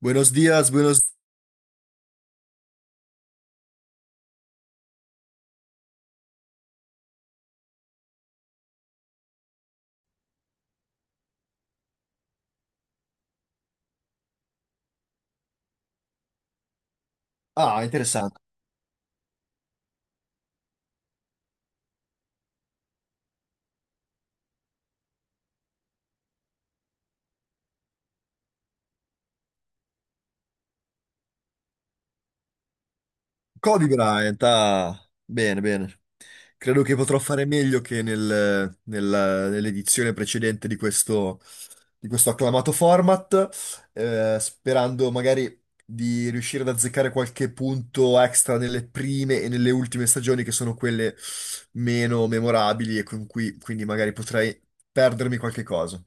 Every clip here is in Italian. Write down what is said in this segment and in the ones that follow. Buenos días. Ah, interessante. Kobe Bryant, ah, bene, bene. Credo che potrò fare meglio che nell'edizione precedente di questo acclamato format, sperando magari di riuscire ad azzeccare qualche punto extra nelle prime e nelle ultime stagioni, che sono quelle meno memorabili e con cui quindi magari potrei perdermi qualche cosa.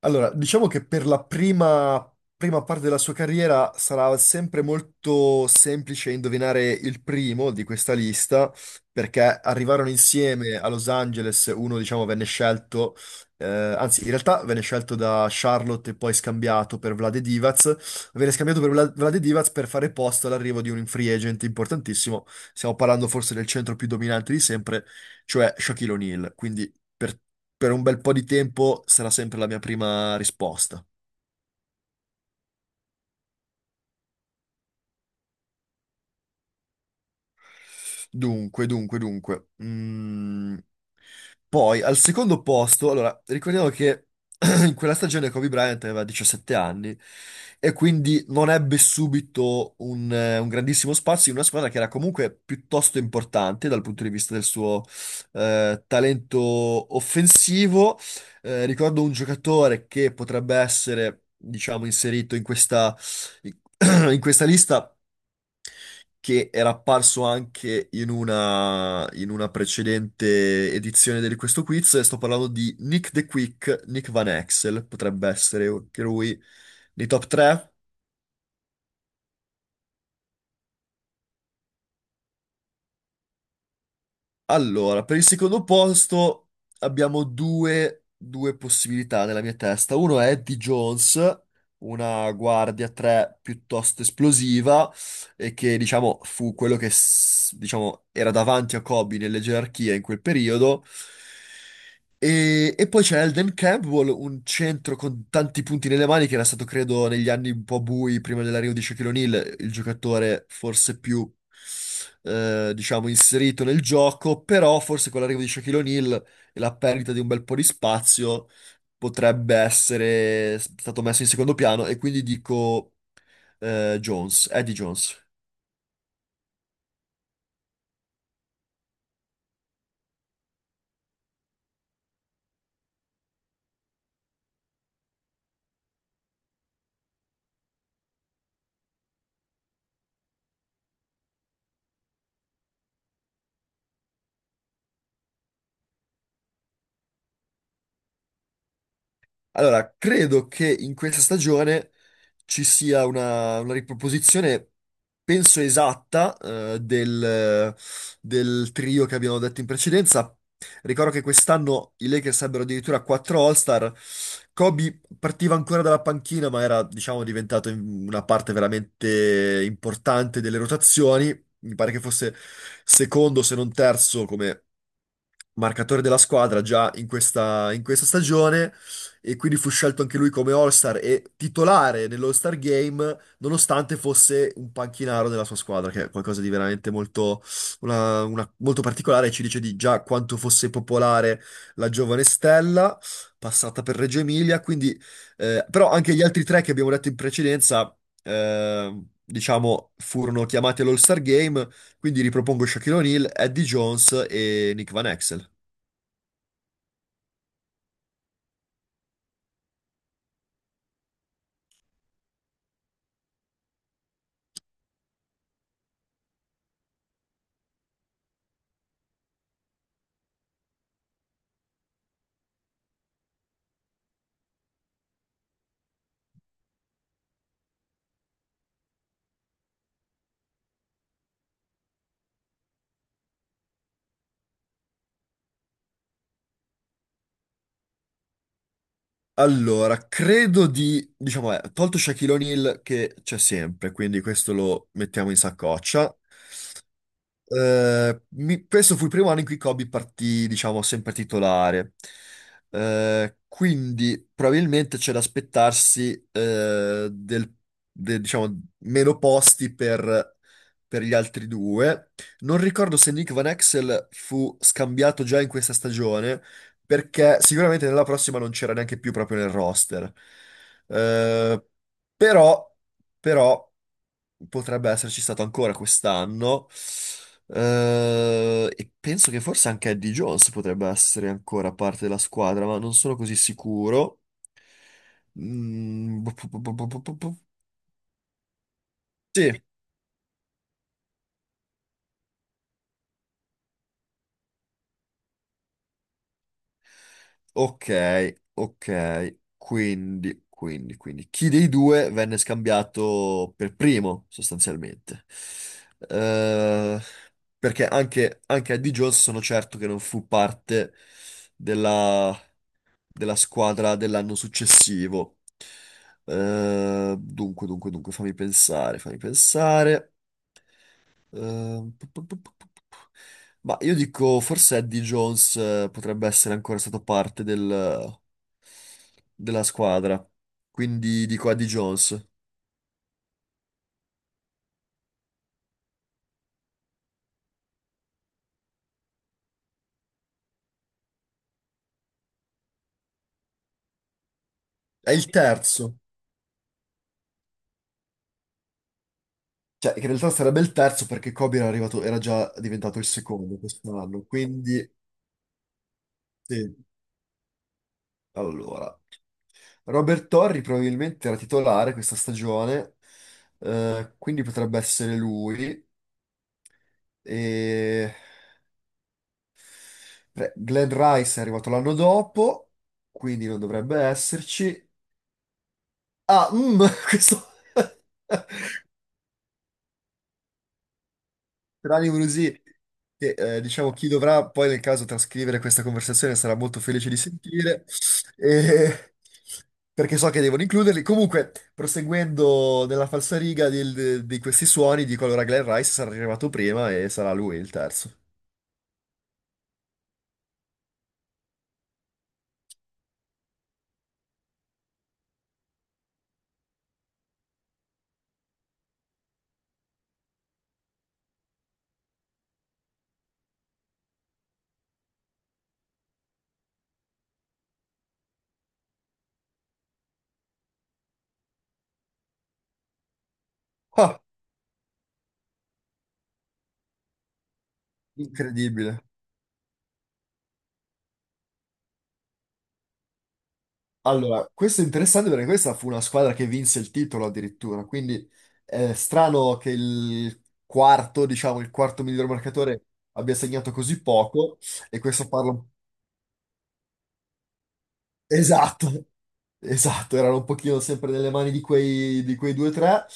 Allora, diciamo che per la prima parte della sua carriera sarà sempre molto semplice indovinare il primo di questa lista, perché arrivarono insieme a Los Angeles. Uno diciamo venne scelto, anzi, in realtà venne scelto da Charlotte e poi scambiato per Vlade Divac, venne scambiato per Vlade Divac per fare posto all'arrivo di un free agent importantissimo. Stiamo parlando forse del centro più dominante di sempre, cioè Shaquille O'Neal, quindi per un bel po' di tempo sarà sempre la mia prima risposta. Dunque, dunque, dunque. Poi al secondo posto, allora, ricordiamo che in quella stagione Kobe Bryant aveva 17 anni e quindi non ebbe subito un grandissimo spazio in una squadra che era comunque piuttosto importante dal punto di vista del suo talento offensivo. Ricordo un giocatore che potrebbe essere, diciamo, inserito in questa, in in questa lista, che era apparso anche in una precedente edizione di questo quiz. E sto parlando di Nick the Quick, Nick Van Exel. Potrebbe essere anche lui nei top 3. Allora, per il secondo posto abbiamo due possibilità nella mia testa. Uno è Eddie Jones, una guardia 3 piuttosto esplosiva, e che, diciamo, fu quello che, diciamo, era davanti a Kobe nelle gerarchie in quel periodo. E poi c'è Elden Campbell, un centro con tanti punti nelle mani, che era stato, credo, negli anni un po' bui prima dell'arrivo di Shaquille O'Neal, il giocatore forse più, diciamo, inserito nel gioco. Però forse con l'arrivo di Shaquille O'Neal e la perdita di un bel po' di spazio potrebbe essere stato messo in secondo piano, e quindi dico, Jones, Eddie Jones. Allora, credo che in questa stagione ci sia una riproposizione, penso esatta, del trio che abbiamo detto in precedenza. Ricordo che quest'anno i Lakers ebbero addirittura quattro All-Star. Kobe partiva ancora dalla panchina, ma era, diciamo, diventato una parte veramente importante delle rotazioni. Mi pare che fosse secondo, se non terzo, come marcatore della squadra già in questa stagione, e quindi fu scelto anche lui come All-Star e titolare nell'All-Star Game nonostante fosse un panchinaro della sua squadra, che è qualcosa di veramente molto, molto particolare, e ci dice di già quanto fosse popolare la giovane stella passata per Reggio Emilia. Quindi però anche gli altri tre che abbiamo detto in precedenza, diciamo, furono chiamati all'All-Star Game, quindi ripropongo Shaquille O'Neal, Eddie Jones e Nick Van Exel. Allora, credo di, diciamo, tolto Shaquille O'Neal, che c'è sempre, quindi questo lo mettiamo in saccoccia. Questo fu il primo anno in cui Kobe partì, diciamo, sempre titolare. Quindi probabilmente c'è da aspettarsi diciamo, meno posti per gli altri due. Non ricordo se Nick Van Exel fu scambiato già in questa stagione, perché sicuramente nella prossima non c'era neanche più proprio nel roster. Eh, però, però potrebbe esserci stato ancora quest'anno. E penso che forse anche Eddie Jones potrebbe essere ancora parte della squadra, ma non sono così sicuro. Mm, bu- bu- bu- bu- bu- bu- bu- Sì, ok, ok. Quindi, quindi, quindi, chi dei due venne scambiato per primo, sostanzialmente? Eh, Perché anche Eddie Jones, sono certo che non fu parte della squadra dell'anno successivo. Dunque, dunque, dunque, fammi pensare, fammi pensare. Eh, pu- pu- pu- pu- pu- pu- ma io dico, forse Eddie Jones, potrebbe essere ancora stato parte della squadra. Quindi dico Eddie Jones. È il terzo. Cioè, in realtà sarebbe il terzo perché Kobe era arrivato, era già diventato il secondo quest'anno. Quindi, sì. Allora. Robert Torri probabilmente era titolare questa stagione, quindi potrebbe essere lui. E beh, Glenn Rice è arrivato l'anno dopo, quindi non dovrebbe esserci. Ah, questo. Tranne Brusì, che diciamo chi dovrà poi nel caso trascrivere questa conversazione sarà molto felice di sentire, e- perché so che devono includerli. Comunque, proseguendo nella falsariga di questi suoni, dico allora Glenn Rice sarà arrivato prima e sarà lui il terzo. Ah, incredibile. Allora, questo è interessante perché questa fu una squadra che vinse il titolo addirittura, quindi è strano che il quarto, diciamo, il quarto miglior marcatore abbia segnato così poco, e questo parla. Esatto, esatto, erano un pochino sempre nelle mani di quei, due o tre.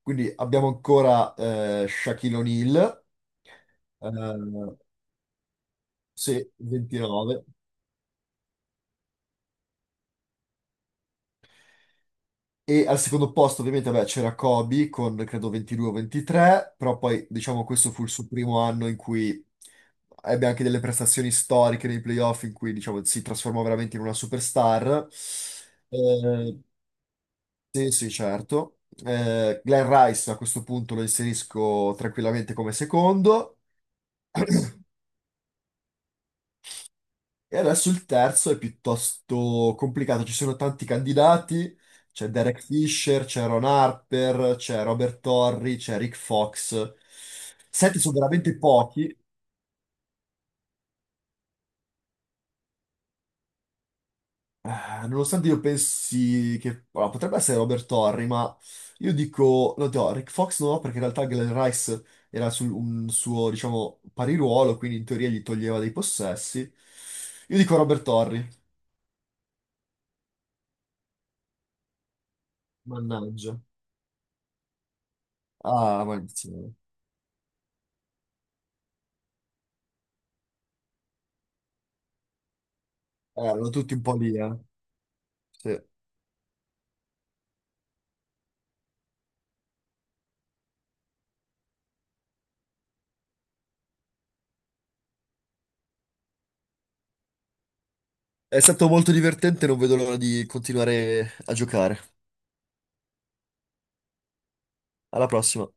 Quindi abbiamo ancora Shaquille O'Neal, eh, sì, 29. E al secondo posto ovviamente vabbè, c'era Kobe con credo 22 o 23, però poi diciamo questo fu il suo primo anno in cui ebbe anche delle prestazioni storiche nei playoff, in cui diciamo si trasformò veramente in una superstar. Eh, Sì, sì, certo. Glenn Rice a questo punto lo inserisco tranquillamente come secondo. E adesso il terzo è piuttosto complicato. Ci sono tanti candidati. C'è Derek Fisher, c'è Ron Harper, c'è Robert Torrey, c'è Rick Fox. Sette sono veramente pochi. Nonostante io pensi che, allora, potrebbe essere Robert Torri, ma io dico, no, dico, Rick Fox no, perché in realtà Glenn Rice era un suo, diciamo, pariruolo, quindi in teoria gli toglieva dei possessi. Io dico Robert Torri, mannaggia. Ah, maledizione. Erano tutti un po' lì, eh. Sì. È stato molto divertente, non vedo l'ora di continuare a giocare. Alla prossima.